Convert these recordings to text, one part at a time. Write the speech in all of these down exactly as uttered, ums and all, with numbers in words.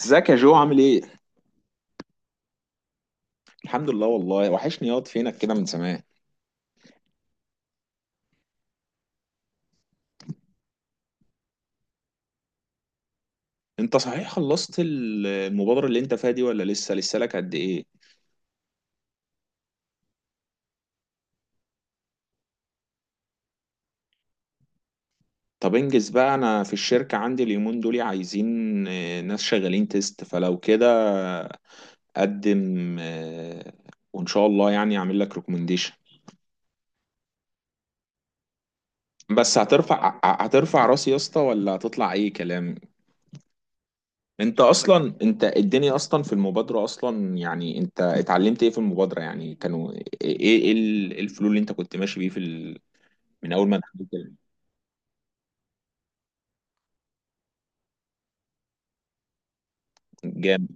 ازيك يا جو عامل ايه؟ الحمد لله والله وحشني ياض، فينك كده من زمان. انت صحيح خلصت ال- المبادرة اللي انت فيها دي، ولا لسه لسه لك قد ايه؟ طب انجز بقى. انا في الشركة عندي اليومين دول عايزين، آه، ناس شغالين تيست فلو كده. قدم، آه، وان شاء الله يعني اعمل لك ريكومنديشن. بس هترفع ه- هترفع راسي يا اسطى، ولا هتطلع اي كلام؟ انت اصلا، انت الدنيا اصلا في المبادرة اصلا، يعني انت اتعلمت ايه في المبادرة؟ يعني كانوا ايه؟ ايه ال- إيه الفلو اللي انت كنت ماشي بيه في ال... من اول ما دخلت ال-. جامد.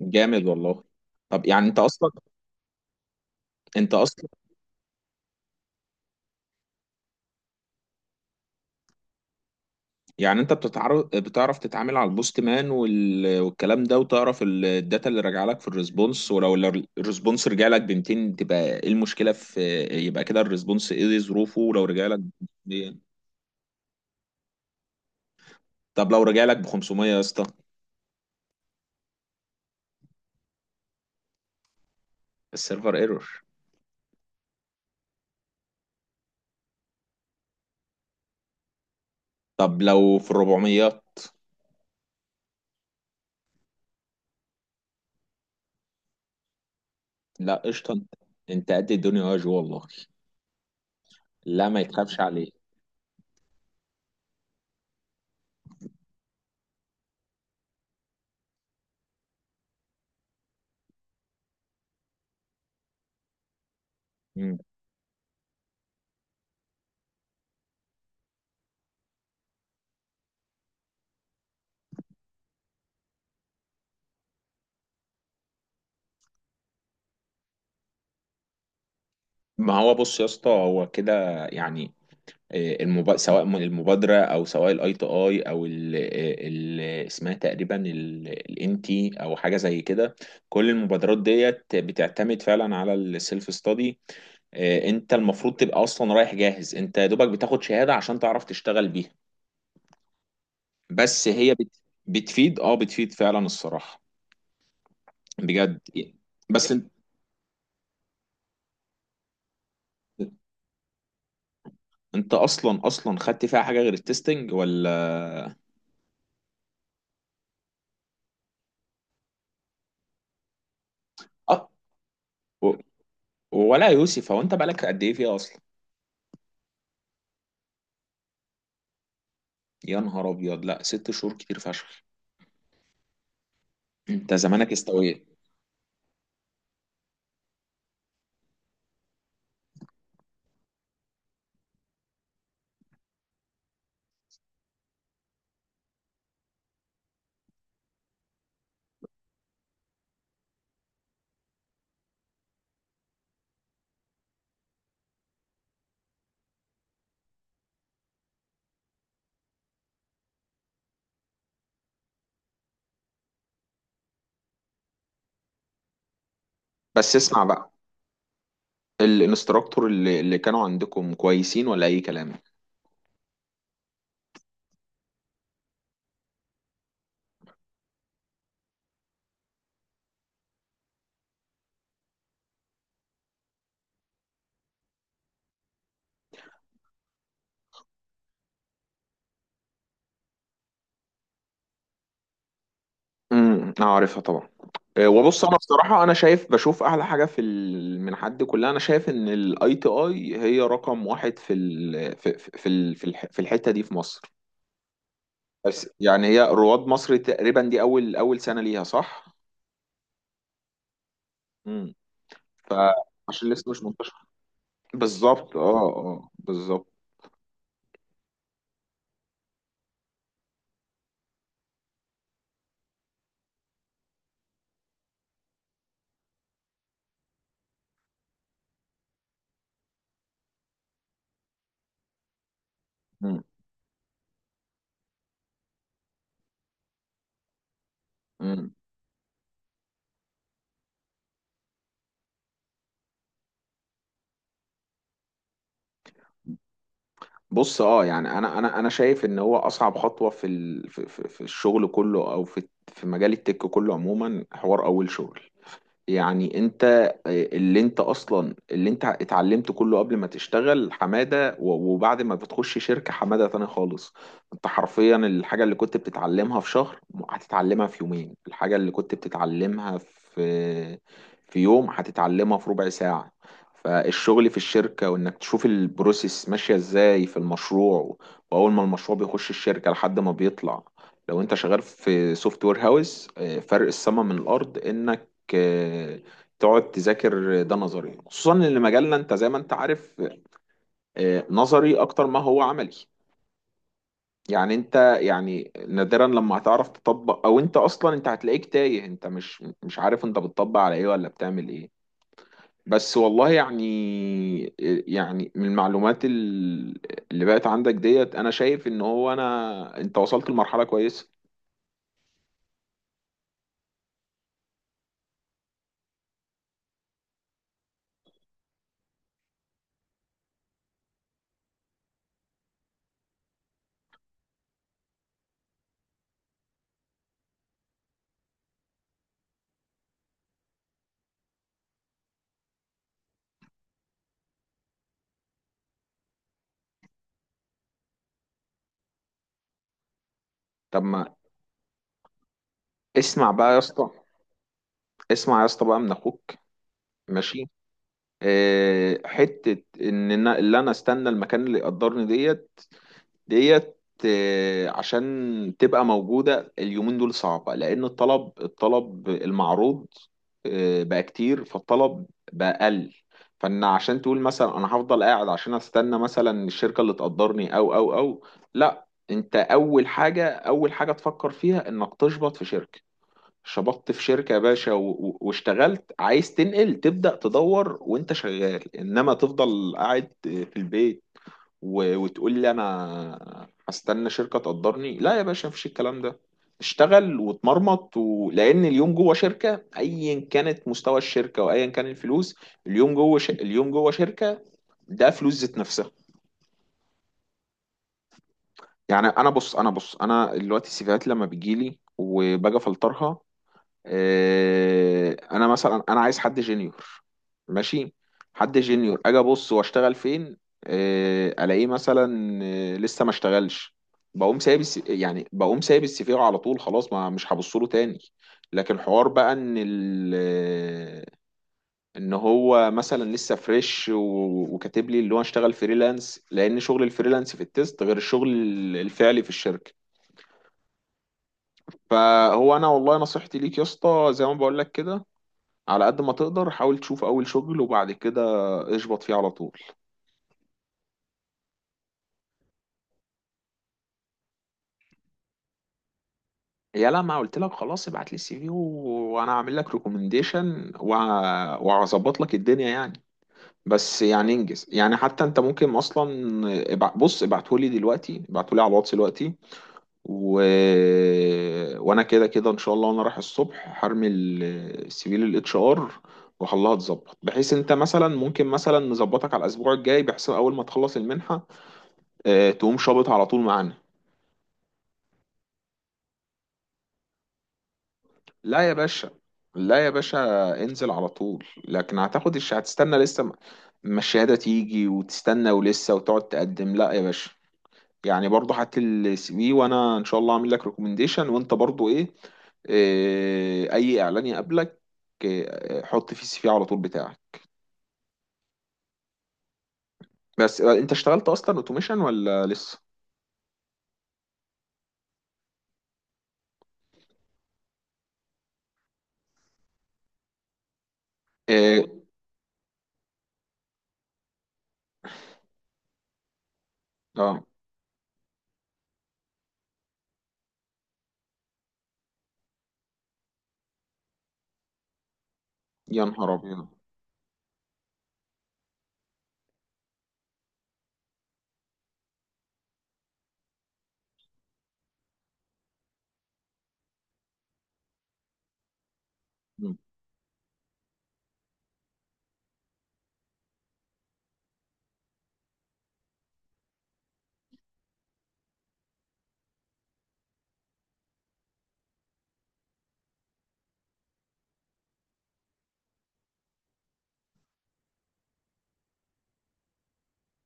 جامد والله. طب يعني انت اصلا انت اصلا يعني انت بتتعرف بتعرف تتعامل على البوست مان، وال... والكلام ده، وتعرف ال- الداتا اللي راجع لك في الريسبونس. ولو ال- الريسبونس رجع لك ب ميتين، تبقى ايه المشكلة في؟ يبقى كده الريسبونس ايه ظروفه؟ ولو رجع لك ب-، طب لو رجع لك ب خمسمية يا اسطى؟ السيرفر ايرور. طب لو في الربعميات؟ لا قشطة. انت انت قد الدنيا يا جو والله. لا ما يتخافش عليه. مم. ما هو بص يا اسطى، هو كده يعني. آه، المب... سواء من المبادرة او سواء الاي تي اي او ال... آه، ال... اسمها تقريبا الان تي او، حاجة زي كده. كل المبادرات ديت بتعتمد فعلا على السيلف ستادي. انت المفروض تبقى اصلا رايح جاهز. انت يا دوبك بتاخد شهادة عشان تعرف تشتغل بيها. بس هي بت... بتفيد اه بتفيد فعلا الصراحة، بجد. بس انت انت اصلا اصلا خدت فيها حاجه غير التستنج، ولا؟ أ- و- ولا يا يوسف، هو انت بقالك قد ايه فيها اصلا؟ يا نهار ابيض، لا ست شهور كتير فشخ. انت زمانك استويت. بس اسمع بقى. الانستراكتور اللي, اللي كانوا عندكم كويسين، ولا اي كلام؟ امم انا عارفها طبعا. اه، وبص انا بصراحه، انا شايف، بشوف اعلى حاجه في ال- من حد كلها، انا شايف ان الاي تي اي هي رقم واحد في ال في في في ال- في الح- في الحته دي في مصر. بس يعني هي رواد مصر تقريبا، دي اول اول سنه ليها، صح؟ امم فعشان لسه مش منتشر. بالظبط، اه، اه، بالظبط. مم. مم. بص، اه يعني انا انا انا شايف ان هو اصعب خطوه في ال... في في في الشغل كله، او في في مجال التك كله عموما، حوار اول شغل. يعني انت اللي، انت اصلا اللي انت اتعلمته كله قبل ما تشتغل حمادة، و- وبعد ما بتخش شركة حمادة تاني خالص. انت حرفيا الحاجة اللي كنت بتتعلمها في شهر، هتتعلمها في يومين. الحاجة اللي كنت بتتعلمها في في يوم، هتتعلمها في ربع ساعة. فالشغل في الشركة، وانك تشوف البروسيس ماشية ازاي في المشروع، واول ما المشروع بيخش الشركة لحد ما بيطلع، لو انت شغال في سوفت وير هاوس، فرق السما من الارض. انك آه، تقعد تذاكر، آه، ده نظري، خصوصا ان مجالنا، انت زي ما انت عارف، آه، نظري اكتر ما هو عملي. يعني انت يعني نادرا لما هتعرف تطبق، او انت اصلا انت هتلاقيك تايه. انت مش مش عارف انت بتطبق على ايه، ولا بتعمل ايه. بس والله يعني، آه، يعني من المعلومات ال- اللي بقت عندك ديت، انا شايف ان هو، انا انت وصلت لمرحلة كويسة. طب ما اسمع بقى يا اسطى اسمع يا اسطى بقى، من اخوك. ماشي. آه، حتة إن أنا اللي أنا أستنى المكان اللي يقدرني ديت ديت. آه، عشان تبقى موجودة اليومين دول صعبة، لأن الطلب الطلب المعروض، آه، بقى كتير، فالطلب بقى قل. فإن عشان تقول مثلا أنا هفضل قاعد عشان أستنى مثلا الشركة اللي تقدرني، أو أو أو لا، أنت أول حاجة، أول حاجة تفكر فيها إنك تشبط في شركة. شبطت في شركة يا باشا، و- و- واشتغلت، عايز تنقل، تبدأ تدور وانت شغال، انما تفضل قاعد في البيت و- وتقول لي انا هستنى شركة تقدرني؟ لا يا باشا، مفيش الكلام ده. اشتغل واتمرمط، و... لان اليوم جوه شركة، ايا كانت مستوى الشركة وايا كان الفلوس، اليوم جوه ش... اليوم جوه شركة، ده فلوس ذات نفسها. يعني انا بص انا بص انا دلوقتي السيفيهات لما بتجيلي، وباجي افلترها، آه، انا مثلا انا عايز حد جينيور، ماشي. حد جينيور، اجي ابص واشتغل فين؟ آه، الاقيه مثلا آه، لسه ما اشتغلش، بقوم سايب الس... يعني بقوم سايب السي في على طول. خلاص، ما مش هبص له تاني. لكن حوار بقى ان ال... آه، ان هو مثلا لسه فريش و... وكاتب لي اللي هو اشتغل فريلانس. لان شغل الفريلانس في التيست غير الشغل الفعلي في الشركة. فهو انا والله نصيحتي ليك يا اسطى، زي ما بقول لك كده، على قد ما تقدر حاول تشوف اول شغل، وبعد كده اشبط فيه على طول. يا لا، ما قلت لك خلاص، ابعت لي السي في، و- وانا هعمل لك ريكومنديشن، وهظبط لك الدنيا يعني. بس يعني انجز، يعني حتى انت ممكن اصلا ابع- بص، ابعته لي دلوقتي، ابعته لي على الواتس دلوقتي. و... وانا كده كده ان شاء الله، وانا رايح الصبح هرمي ال- السي في للاتش ار. وخليها تظبط، بحيث انت مثلا ممكن مثلا نظبطك على الاسبوع الجاي، بحيث اول ما تخلص المنحه، آه، تقوم شابط على طول معانا. لا يا باشا، لا يا باشا، انزل على طول. لكن هتاخد الش... هتستنى لسه، ما ما الشهادة تيجي وتستنى، ولسه وتقعد تقدم؟ لا يا باشا. يعني برضه هات لي السي في، وانا ان شاء الله هعمل لك ريكومنديشن. وانت برضه ايه، إيه اي اعلان يقابلك، إيه، حط فيه السي في على طول بتاعك. بس آه، انت اشتغلت اصلا اوتوميشن، ولا لسه؟ إيه، اه، يا نهار ابيض. مم.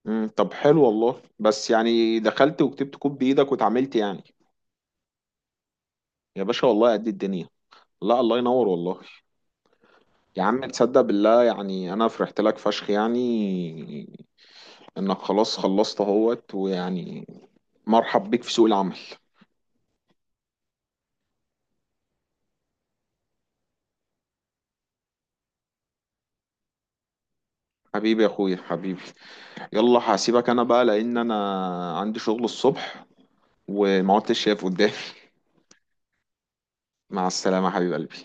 مم، طب حلو والله. بس يعني دخلت وكتبت كود بايدك واتعاملت يعني؟ يا باشا والله، قد الدنيا. لا، الله ينور والله. يا عم تصدق بالله، يعني انا فرحت لك فشخ، يعني انك خلاص خلصت اهوت، ويعني مرحب بيك في سوق العمل. حبيبي يا اخويا، حبيبي. يلا هسيبك انا بقى، لان انا عندي شغل الصبح، وما عدتش شايف قدامي. مع السلامة يا حبيب قلبي.